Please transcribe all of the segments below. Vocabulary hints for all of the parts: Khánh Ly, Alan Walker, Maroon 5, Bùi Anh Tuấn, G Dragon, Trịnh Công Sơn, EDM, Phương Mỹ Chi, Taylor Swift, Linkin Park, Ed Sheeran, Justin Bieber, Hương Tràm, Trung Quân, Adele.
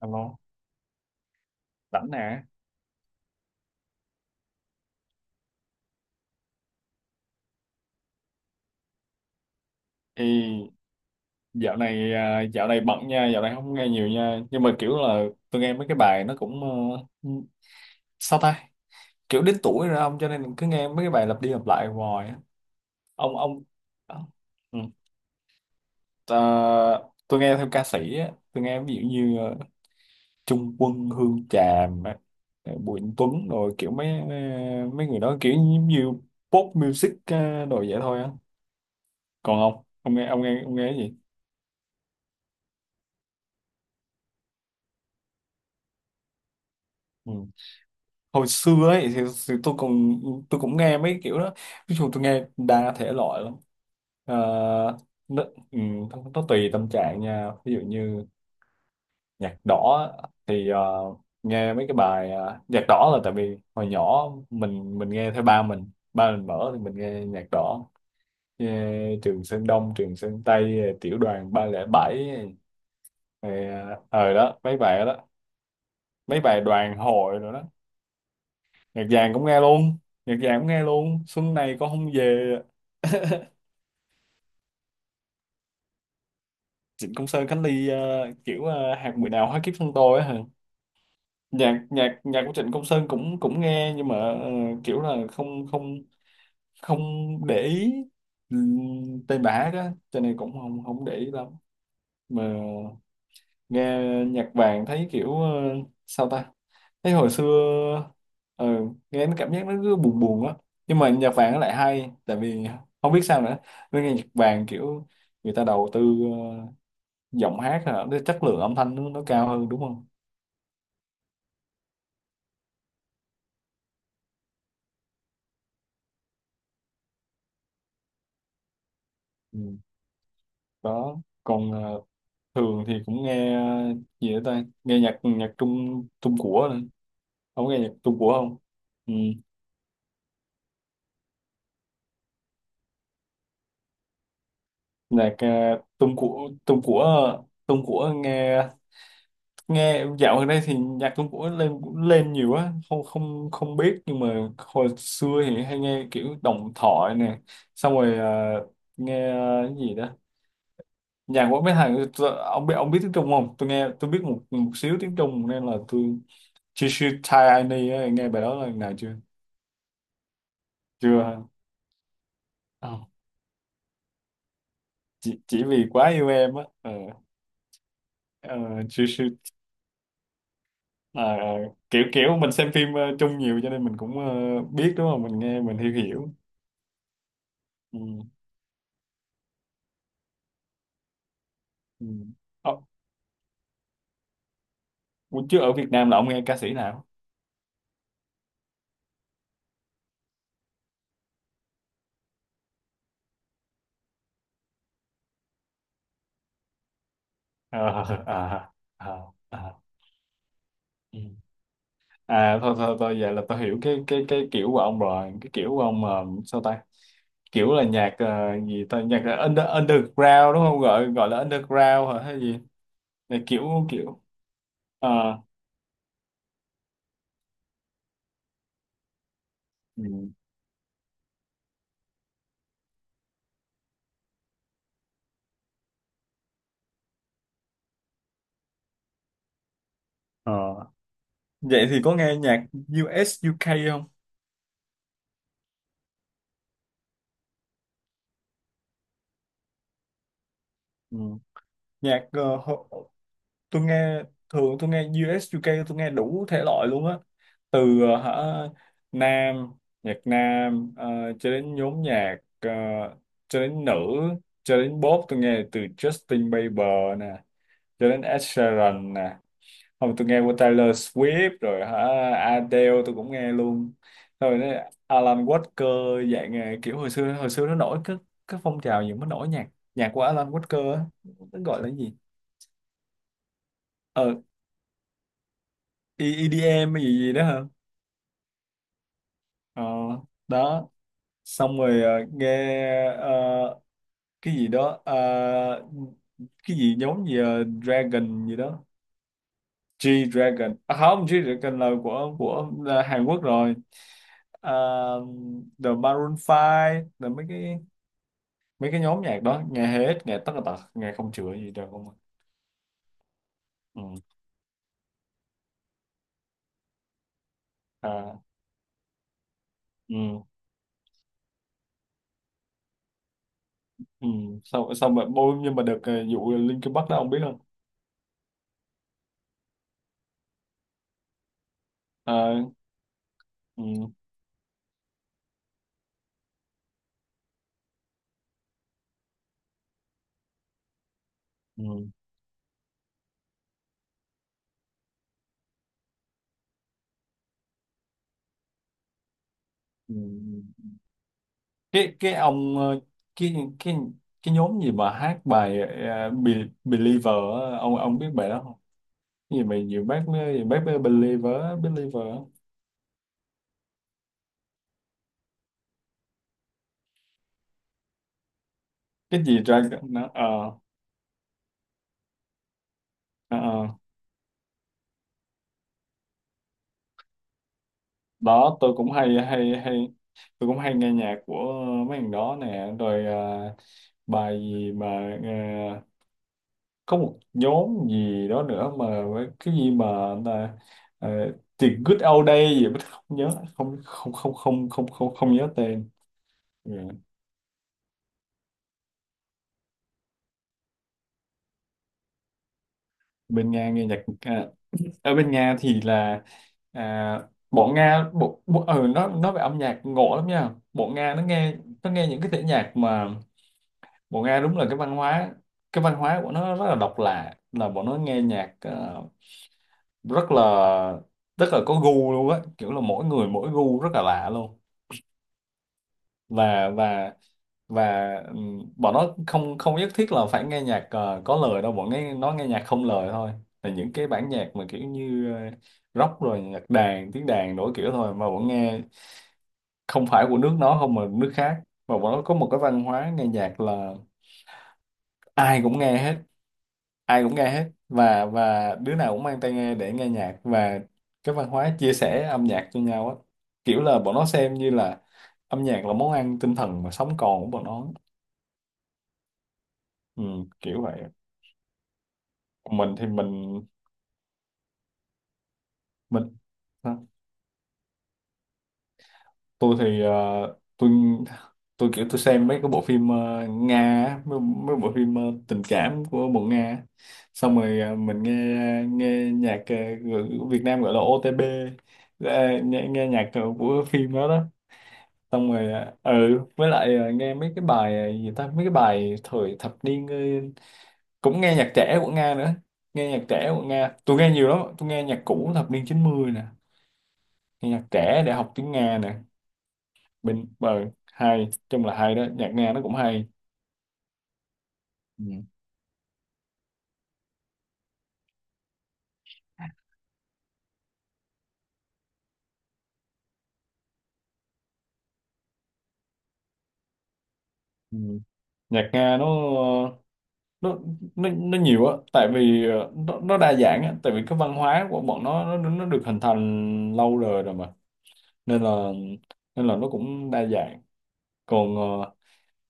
Alo, rảnh nè. Thì dạo này bận nha, dạo này không nghe nhiều nha. Nhưng mà kiểu là tôi nghe mấy cái bài nó cũng ờ, sao ta? Kiểu đến tuổi rồi ông cho nên cứ nghe mấy cái bài lặp đi lặp lại hoài á. Ông. ờ, ừ. Ờ, tôi nghe theo ca sĩ á, tôi nghe ví dụ như Trung Quân, Hương Tràm, á, Bùi Anh Tuấn, rồi kiểu mấy người đó kiểu như pop music, đồ vậy thôi á. Còn ông, ông nghe cái gì? Ừ. Hồi xưa ấy thì tôi cũng nghe mấy kiểu đó, ví dụ tôi nghe đa thể loại lắm. Ờ, nó, ừ, nó tùy tâm trạng nha, ví dụ như nhạc đỏ thì nghe mấy cái bài nhạc đỏ là tại vì hồi nhỏ mình nghe theo ba mình mở thì mình nghe nhạc đỏ, nghe Trường Sơn Đông Trường Sơn Tây Tiểu đoàn 307, rồi đó mấy bài đó, mấy bài đoàn hội rồi đó. Nhạc vàng cũng nghe luôn, nhạc vàng cũng nghe luôn Xuân Này Con Không Về. Trịnh Công Sơn, Khánh Ly, kiểu hạt mười nào hóa kiếp thân tôi á hả, nhạc nhạc nhạc của Trịnh Công Sơn cũng cũng nghe, nhưng mà kiểu là không không không để ý tên bả đó, cho nên cũng không không để ý lắm. Mà nghe nhạc vàng thấy kiểu sao ta? Thế hồi xưa ừ, nghe nó cảm giác nó cứ buồn buồn á, nhưng mà nhạc vàng nó lại hay tại vì không biết sao nữa, nên nghe nhạc vàng kiểu người ta đầu tư ờ, giọng hát, hay là cái chất lượng âm thanh nó cao hơn đúng không. Ừ. Đó, còn thường thì cũng nghe gì nữa ta, nghe nhạc nhạc Trung Trung của nữa. Không nghe nhạc Trung của không. Ừ. Nhạc Trung của Trung của ờ, Trung của nghe nghe dạo gần đây thì nhạc Trung Quốc lên cũng lên nhiều á, không không không biết nhưng mà hồi xưa thì hay nghe kiểu Đồng Thoại nè. Xong rồi nghe cái gì đó, nhạc của mấy thằng. Ông biết tiếng Trung không, tôi biết một một xíu tiếng Trung, nên là tôi She Should Tie I Knee á, nghe bài đó lần nào chưa chưa hả? Ờ, chỉ vì quá yêu em á. Ờ ờ, She Should ờ, ờ, kiểu kiểu mình xem phim Trung nhiều, cho nên mình cũng biết đúng không, mình nghe mình hiểu hiểu. Ừ. Ừ. Ờ, ủa, chứ ở Việt Nam là ông nghe ca sĩ nào? Ờ, à, à, à. Ừ. À, thôi thôi thôi, vậy là tôi hiểu cái kiểu của ông rồi, cái kiểu của ông sao ta? Kiểu là nhạc, gì ta, nhạc là underground đúng không? Gọi gọi là underground hả hay gì? Là kiểu kiểu ờ, ừ, ờ. Vậy thì có nghe nhạc US UK không? Ừ. Nhạc, tôi nghe thường tôi nghe US UK, tôi nghe đủ thể loại luôn á, từ ờ, hả nam nhạc nam, cho đến nhóm nhạc, cho đến nữ, cho đến pop, tôi nghe từ Justin Bieber nè, cho đến Ed Sheeran nè, không tôi nghe của Taylor Swift rồi hả, Adele tôi cũng nghe luôn, rồi đấy, Alan Walker dạng kiểu, hồi xưa nó nổi cái, phong trào những cái nổi nhạc nhạc của Alan Walker á, nó gọi là cái gì ờ EDM hay gì gì đó hả. Ờ, đó, xong rồi nghe ờ, cái gì đó, cái gì giống gì, Dragon gì đó, G Dragon. À không, G Dragon là của là Hàn Quốc rồi. Ờ, The Maroon 5 là mấy cái nhóm nhạc đó, nghe hết, nghe tất cả tật, nghe không chữa gì đâu không ạ. Ừ. À ừ. Ừ. xong xong rồi bôi, nhưng mà được vụ Linkin Park đó ông biết không. Ờ, ừ. Ừ. Ừ. Ừ. cái ông cái cái cái nhóm gì mà hát bài Believer á, ông biết bài đó không, cái gì mà nhiều bác mới Believer á, Believer á. Cái gì ra nó ờ ờ, ờ. Đó, tôi cũng hay nghe nhạc của mấy thằng đó nè, rồi bài gì mà ờ, có một nhóm gì đó nữa mà cái gì mà là, ờ, The Good Old Day gì mà không nhớ, không không không không không không không nhớ tên. Ừ. Bên Nga nghe nhạc à, ở bên Nga thì là à, bọn Nga bộ, bộ ừ, nó nói về âm nhạc ngộ lắm nha, bọn Nga nó nghe, nó nghe những cái thể nhạc mà, bọn Nga đúng là cái văn hóa của nó rất là độc lạ, là bọn nó nghe nhạc rất là rất là có gu luôn á, kiểu là mỗi người mỗi gu rất là lạ luôn. Và và và bọn nó không không nhất thiết là phải nghe nhạc có lời đâu, bọn nghe nó nghe nhạc không lời thôi, là những cái bản nhạc mà kiểu như rock, rồi nhạc đàn tiếng đàn đổi kiểu thôi, mà bọn nghe không phải của nước nó không mà nước khác. Và bọn nó có một cái văn hóa nghe nhạc là ai cũng nghe hết, ai cũng nghe hết, và đứa nào cũng mang tai nghe để nghe nhạc, và cái văn hóa chia sẻ âm nhạc cho nhau á, kiểu là bọn nó xem như là âm nhạc là món ăn tinh thần mà sống còn của bọn nó. Ừ, kiểu vậy. Mình thì mình tôi thì tôi tôi kiểu tôi xem mấy cái bộ phim Nga á, mấy bộ phim tình cảm của bộ Nga á. Xong rồi mình nghe nghe nhạc của Việt Nam gọi là OTP, nghe nhạc của phim đó đó. Xong rồi với lại nghe mấy cái bài gì ta, mấy cái bài thời thập niên, cũng nghe nhạc trẻ của Nga nữa, nghe nhạc trẻ của Nga tôi nghe nhiều lắm, tôi nghe nhạc cũ thập niên 90 nè, nghe nhạc trẻ để học tiếng Nga nè. Bên ờ hay chung là hay đó, nhạc Nga nó cũng hay. Ừ. Ừ. Nhạc Nga nó nó nó nhiều á, tại vì nó đa dạng á, tại vì cái văn hóa của bọn nó nó được hình thành lâu rồi rồi mà, nên là nó cũng đa dạng. Còn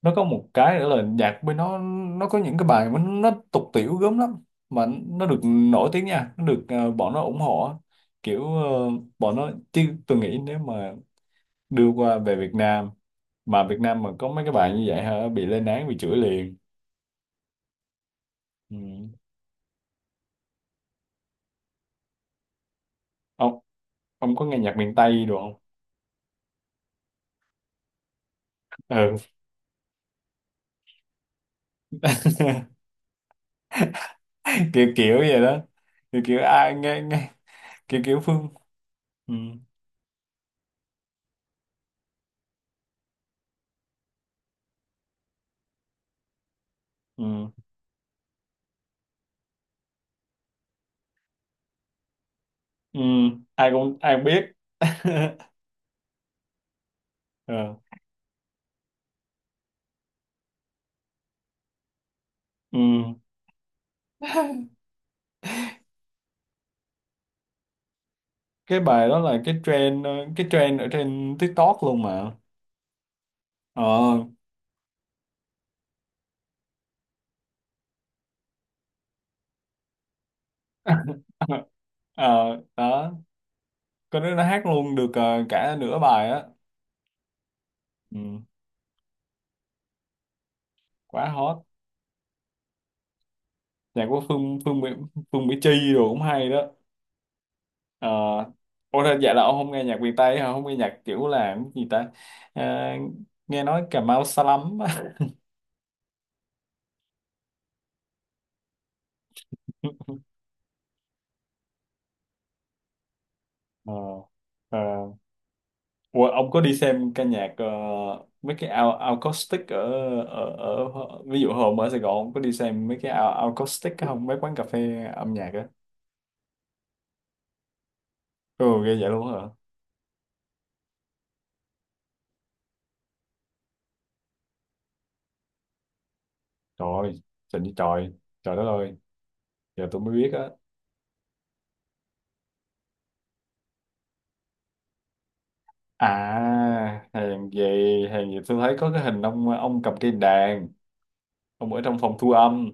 nó có một cái nữa là nhạc bên nó có những cái bài mà nó tục tiểu gớm lắm mà nó được nổi tiếng nha, nó được bọn nó ủng hộ á. Kiểu bọn nó, chứ tôi nghĩ nếu mà đưa qua về Việt Nam mà có mấy cái bài như vậy hả bị lên án bị chửi liền. Ừ. ông ông có nghe nhạc miền Tây được không? Ừ. Kiểu kiểu vậy đó, kiểu kiểu ai nghe nghe, kiểu kiểu Phương. Ừ. Ừ. Ừ. Ai cũng biết. Ờ. Ừ. Cái bài đó là cái trend, ở trên TikTok luôn mà. ờ Ờ, đó, có đứa nó hát luôn được cả nửa bài á. Ừ. Quá hot. Nhạc của Phương Phương Mỹ, Phương Mỹ Chi rồi cũng hay đó. Ờ, ủa thế dạ là ông không nghe nhạc miền Tây hả? Không nghe nhạc kiểu là cái gì ta? Ờ, nghe nói Cà Mau xa lắm. Ờ, ờ. Ủa, ông có đi xem ca nhạc mấy cái ao acoustic ở, ở ở ví dụ hôm ở Sài Gòn ông có đi xem mấy cái ao acoustic không? Mấy quán cà phê âm nhạc á. Ừ, ghê vậy luôn hả? Trời ơi, trời như trời, trời đất ơi, giờ tôi mới biết á. À, hèn gì tôi thấy có cái hình ông cầm cây đàn, ông ở trong phòng thu âm.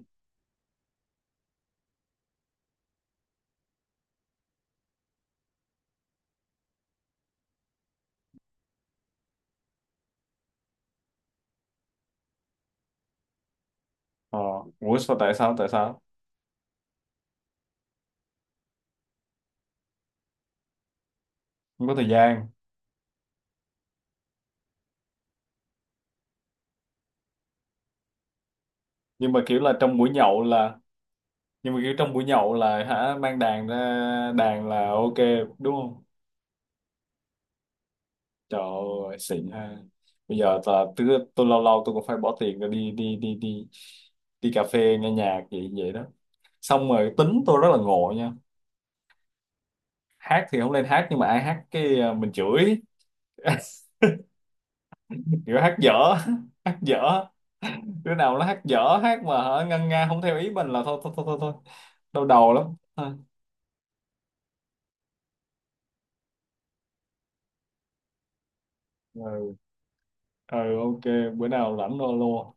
Ờ, ủa sao, tại sao không có thời gian. Nhưng mà kiểu là trong buổi nhậu là hả, mang đàn ra đàn là ok đúng không. Trời ơi xịn ha. Bây giờ là tôi lâu lâu tôi cũng phải bỏ tiền ra đi đi đi đi đi cà phê nghe nhạc vậy vậy đó. Xong rồi tính tôi rất là ngộ nha. Hát thì không lên hát, nhưng mà ai hát cái mình chửi. Kiểu hát dở, hát dở, đứa nào nó hát dở hát mà hả ngân nga không theo ý mình là thôi thôi thôi thôi, thôi. Đau đầu lắm. Ừ, ừ ok, bữa nào rảnh alo.